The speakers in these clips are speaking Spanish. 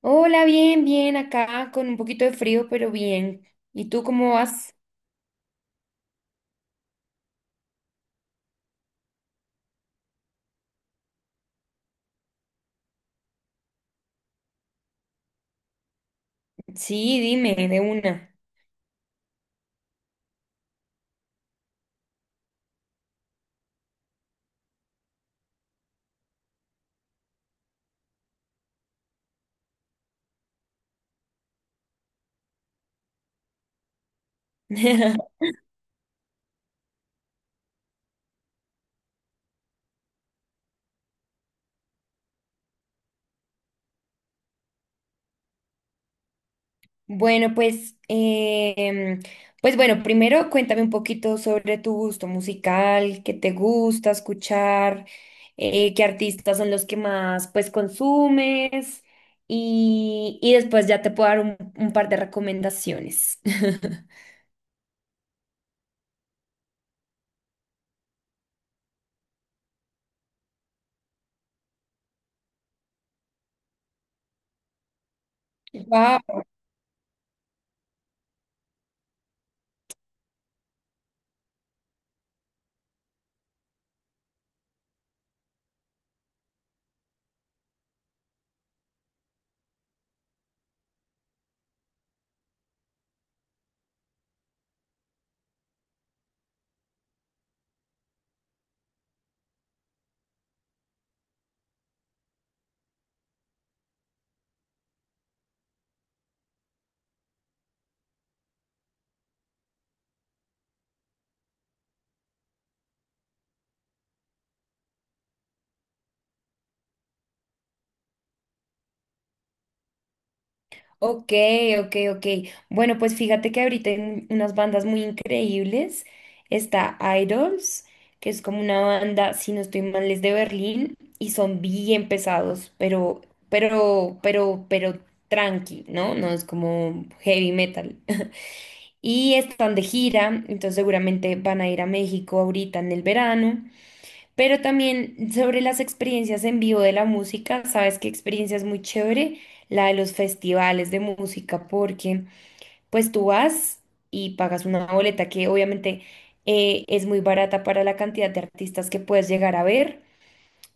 Hola, bien, bien, acá con un poquito de frío, pero bien. ¿Y tú cómo vas? Sí, dime, de una. Bueno, pues, pues bueno, primero cuéntame un poquito sobre tu gusto musical, qué te gusta escuchar, qué artistas son los que más pues consumes y después ya te puedo dar un par de recomendaciones. Wow. Ok, ok, ok. Bueno, pues fíjate que ahorita hay unas bandas muy increíbles. Está Idols, que es como una banda, si no estoy mal, es de Berlín y son bien pesados, pero tranqui, ¿no? No es como heavy metal. Y están de gira, entonces seguramente van a ir a México ahorita en el verano. Pero también sobre las experiencias en vivo de la música, sabes qué experiencia es muy chévere, la de los festivales de música, porque pues tú vas y pagas una boleta que obviamente es muy barata para la cantidad de artistas que puedes llegar a ver.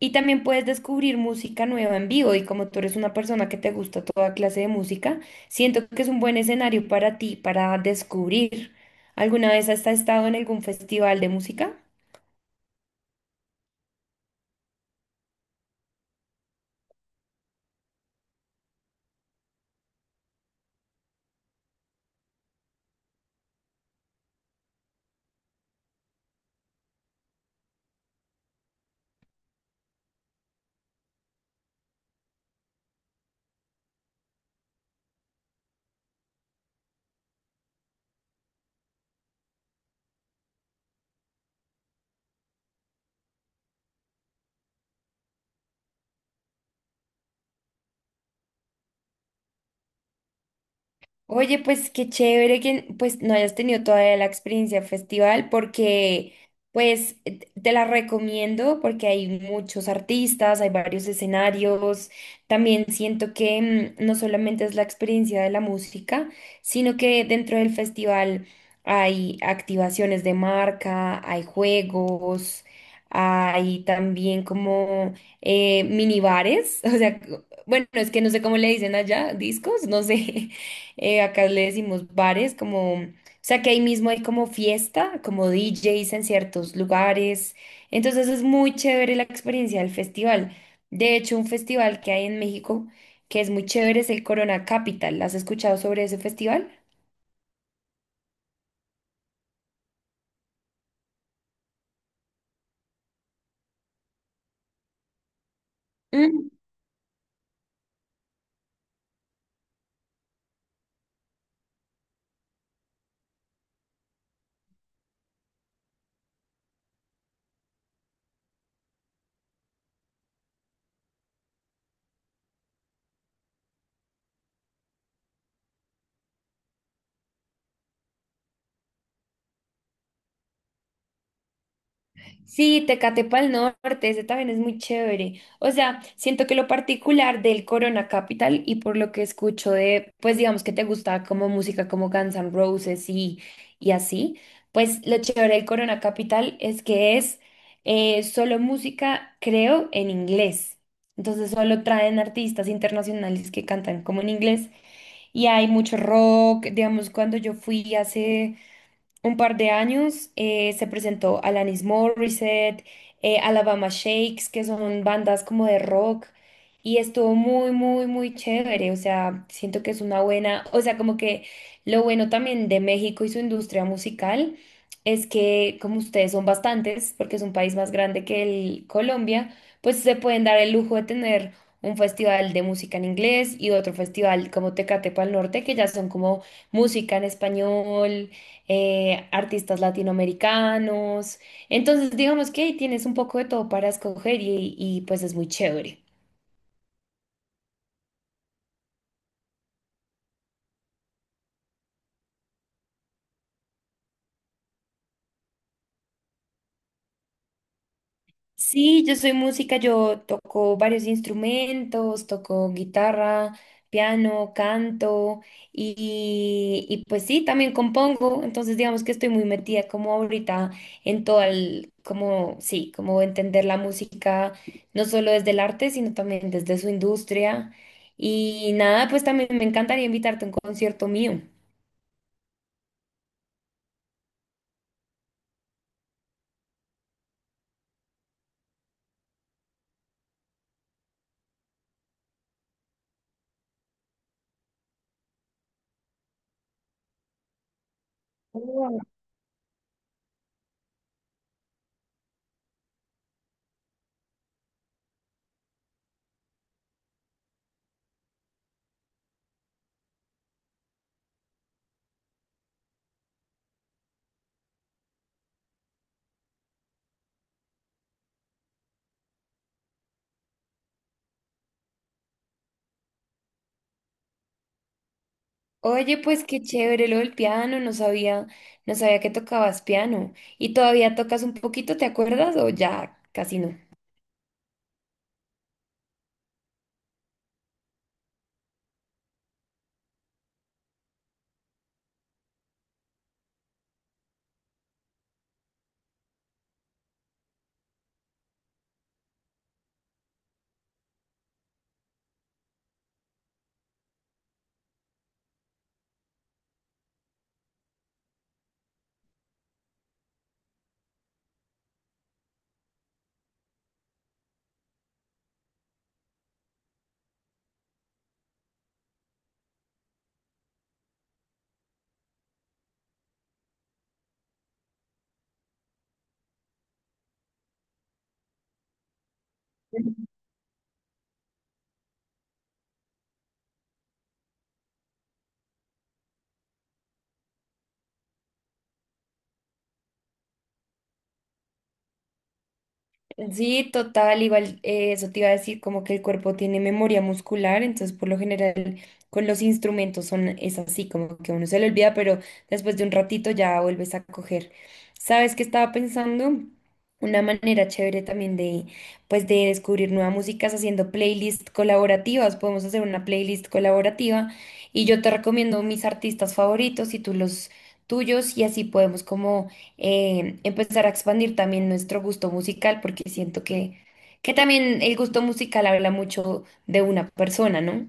Y también puedes descubrir música nueva en vivo y como tú eres una persona que te gusta toda clase de música, siento que es un buen escenario para ti, para descubrir. ¿Alguna vez has estado en algún festival de música? Oye, pues qué chévere que pues no hayas tenido todavía la experiencia festival porque pues te la recomiendo porque hay muchos artistas, hay varios escenarios. También siento que no solamente es la experiencia de la música, sino que dentro del festival hay activaciones de marca, hay juegos, hay también como minibares, o sea, bueno, es que no sé cómo le dicen allá, discos, no sé acá le decimos bares, como, o sea que ahí mismo hay como fiesta, como DJs en ciertos lugares. Entonces es muy chévere la experiencia del festival. De hecho, un festival que hay en México que es muy chévere es el Corona Capital. ¿Has escuchado sobre ese festival? Mm. Sí, Tecate el Norte, ese también es muy chévere. O sea, siento que lo particular del Corona Capital y por lo que escucho de, pues digamos que te gusta como música como Guns N' Roses y así, pues lo chévere del Corona Capital es que es solo música, creo, en inglés. Entonces solo traen artistas internacionales que cantan como en inglés y hay mucho rock, digamos, cuando yo fui hace un par de años se presentó Alanis Morissette, Alabama Shakes, que son bandas como de rock, y estuvo muy, muy, muy chévere. O sea, siento que es una buena, o sea, como que lo bueno también de México y su industria musical es que como ustedes son bastantes, porque es un país más grande que el Colombia, pues se pueden dar el lujo de tener un festival de música en inglés y otro festival como Tecate Pal Norte, que ya son como música en español artistas latinoamericanos. Entonces, digamos que ahí tienes un poco de todo para escoger y pues es muy chévere. Sí, yo soy música, yo toco varios instrumentos, toco guitarra, piano, canto y pues sí, también compongo, entonces digamos que estoy muy metida como ahorita en todo el, como sí, como entender la música, no solo desde el arte, sino también desde su industria y nada, pues también me encantaría invitarte a un concierto mío. Oye, pues qué chévere lo del piano, no sabía, no sabía que tocabas piano. ¿Y todavía tocas un poquito, te acuerdas? O ya casi no. Sí, total, igual eso te iba a decir, como que el cuerpo tiene memoria muscular, entonces por lo general con los instrumentos son, es así, como que uno se le olvida, pero después de un ratito ya vuelves a coger. ¿Sabes qué estaba pensando? Una manera chévere también de, pues, de descubrir nueva música es haciendo playlists colaborativas. Podemos hacer una playlist colaborativa y yo te recomiendo mis artistas favoritos y tú los tuyos y así podemos como empezar a expandir también nuestro gusto musical, porque siento que también el gusto musical habla mucho de una persona, ¿no?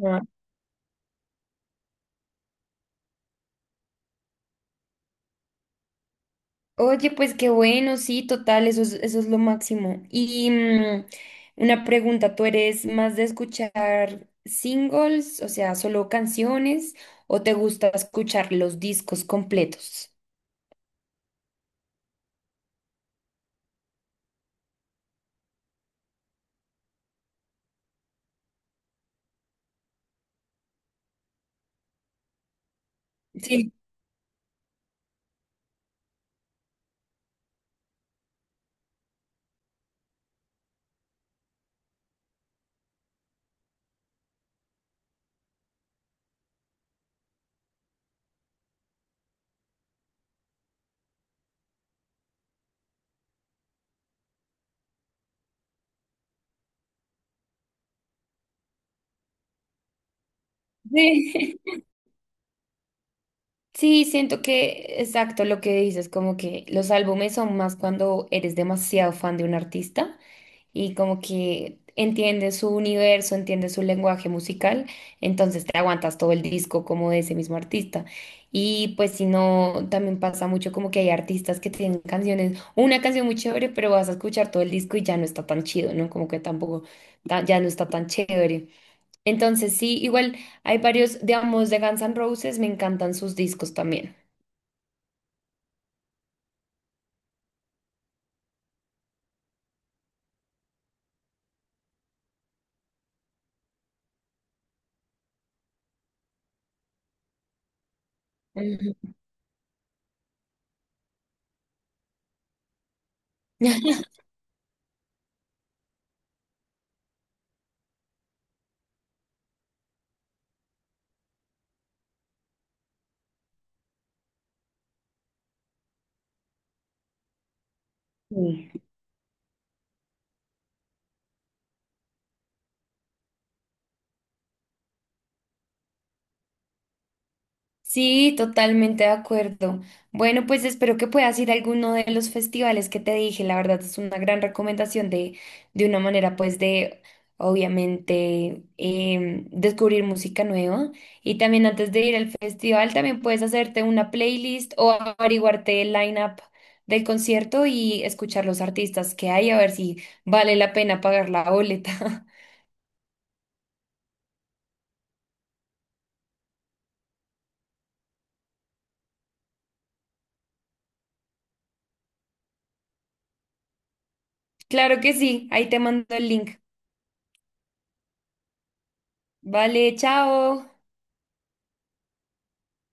Ajá. Oye, pues qué bueno, sí, total, eso es lo máximo. Y una pregunta, ¿tú eres más de escuchar singles, o sea, solo canciones, o te gusta escuchar los discos completos? Sí, Sí, siento que, exacto, lo que dices, como que los álbumes son más cuando eres demasiado fan de un artista y como que entiendes su universo, entiendes su lenguaje musical, entonces te aguantas todo el disco como de ese mismo artista. Y pues si no, también pasa mucho como que hay artistas que tienen canciones, una canción muy chévere, pero vas a escuchar todo el disco y ya no está tan chido, ¿no? Como que tampoco, ya no está tan chévere. Entonces sí, igual hay varios, digamos, de Guns N' Roses, me encantan sus discos también. Ujú. Sí, Sí, totalmente de acuerdo. Bueno, pues espero que puedas ir a alguno de los festivales que te dije. La verdad es una gran recomendación de una manera, pues, de obviamente descubrir música nueva. Y también antes de ir al festival, también puedes hacerte una playlist o averiguarte el line-up del concierto y escuchar los artistas que hay, a ver si vale la pena pagar la boleta. Claro que sí, ahí te mando el link. Vale, chao.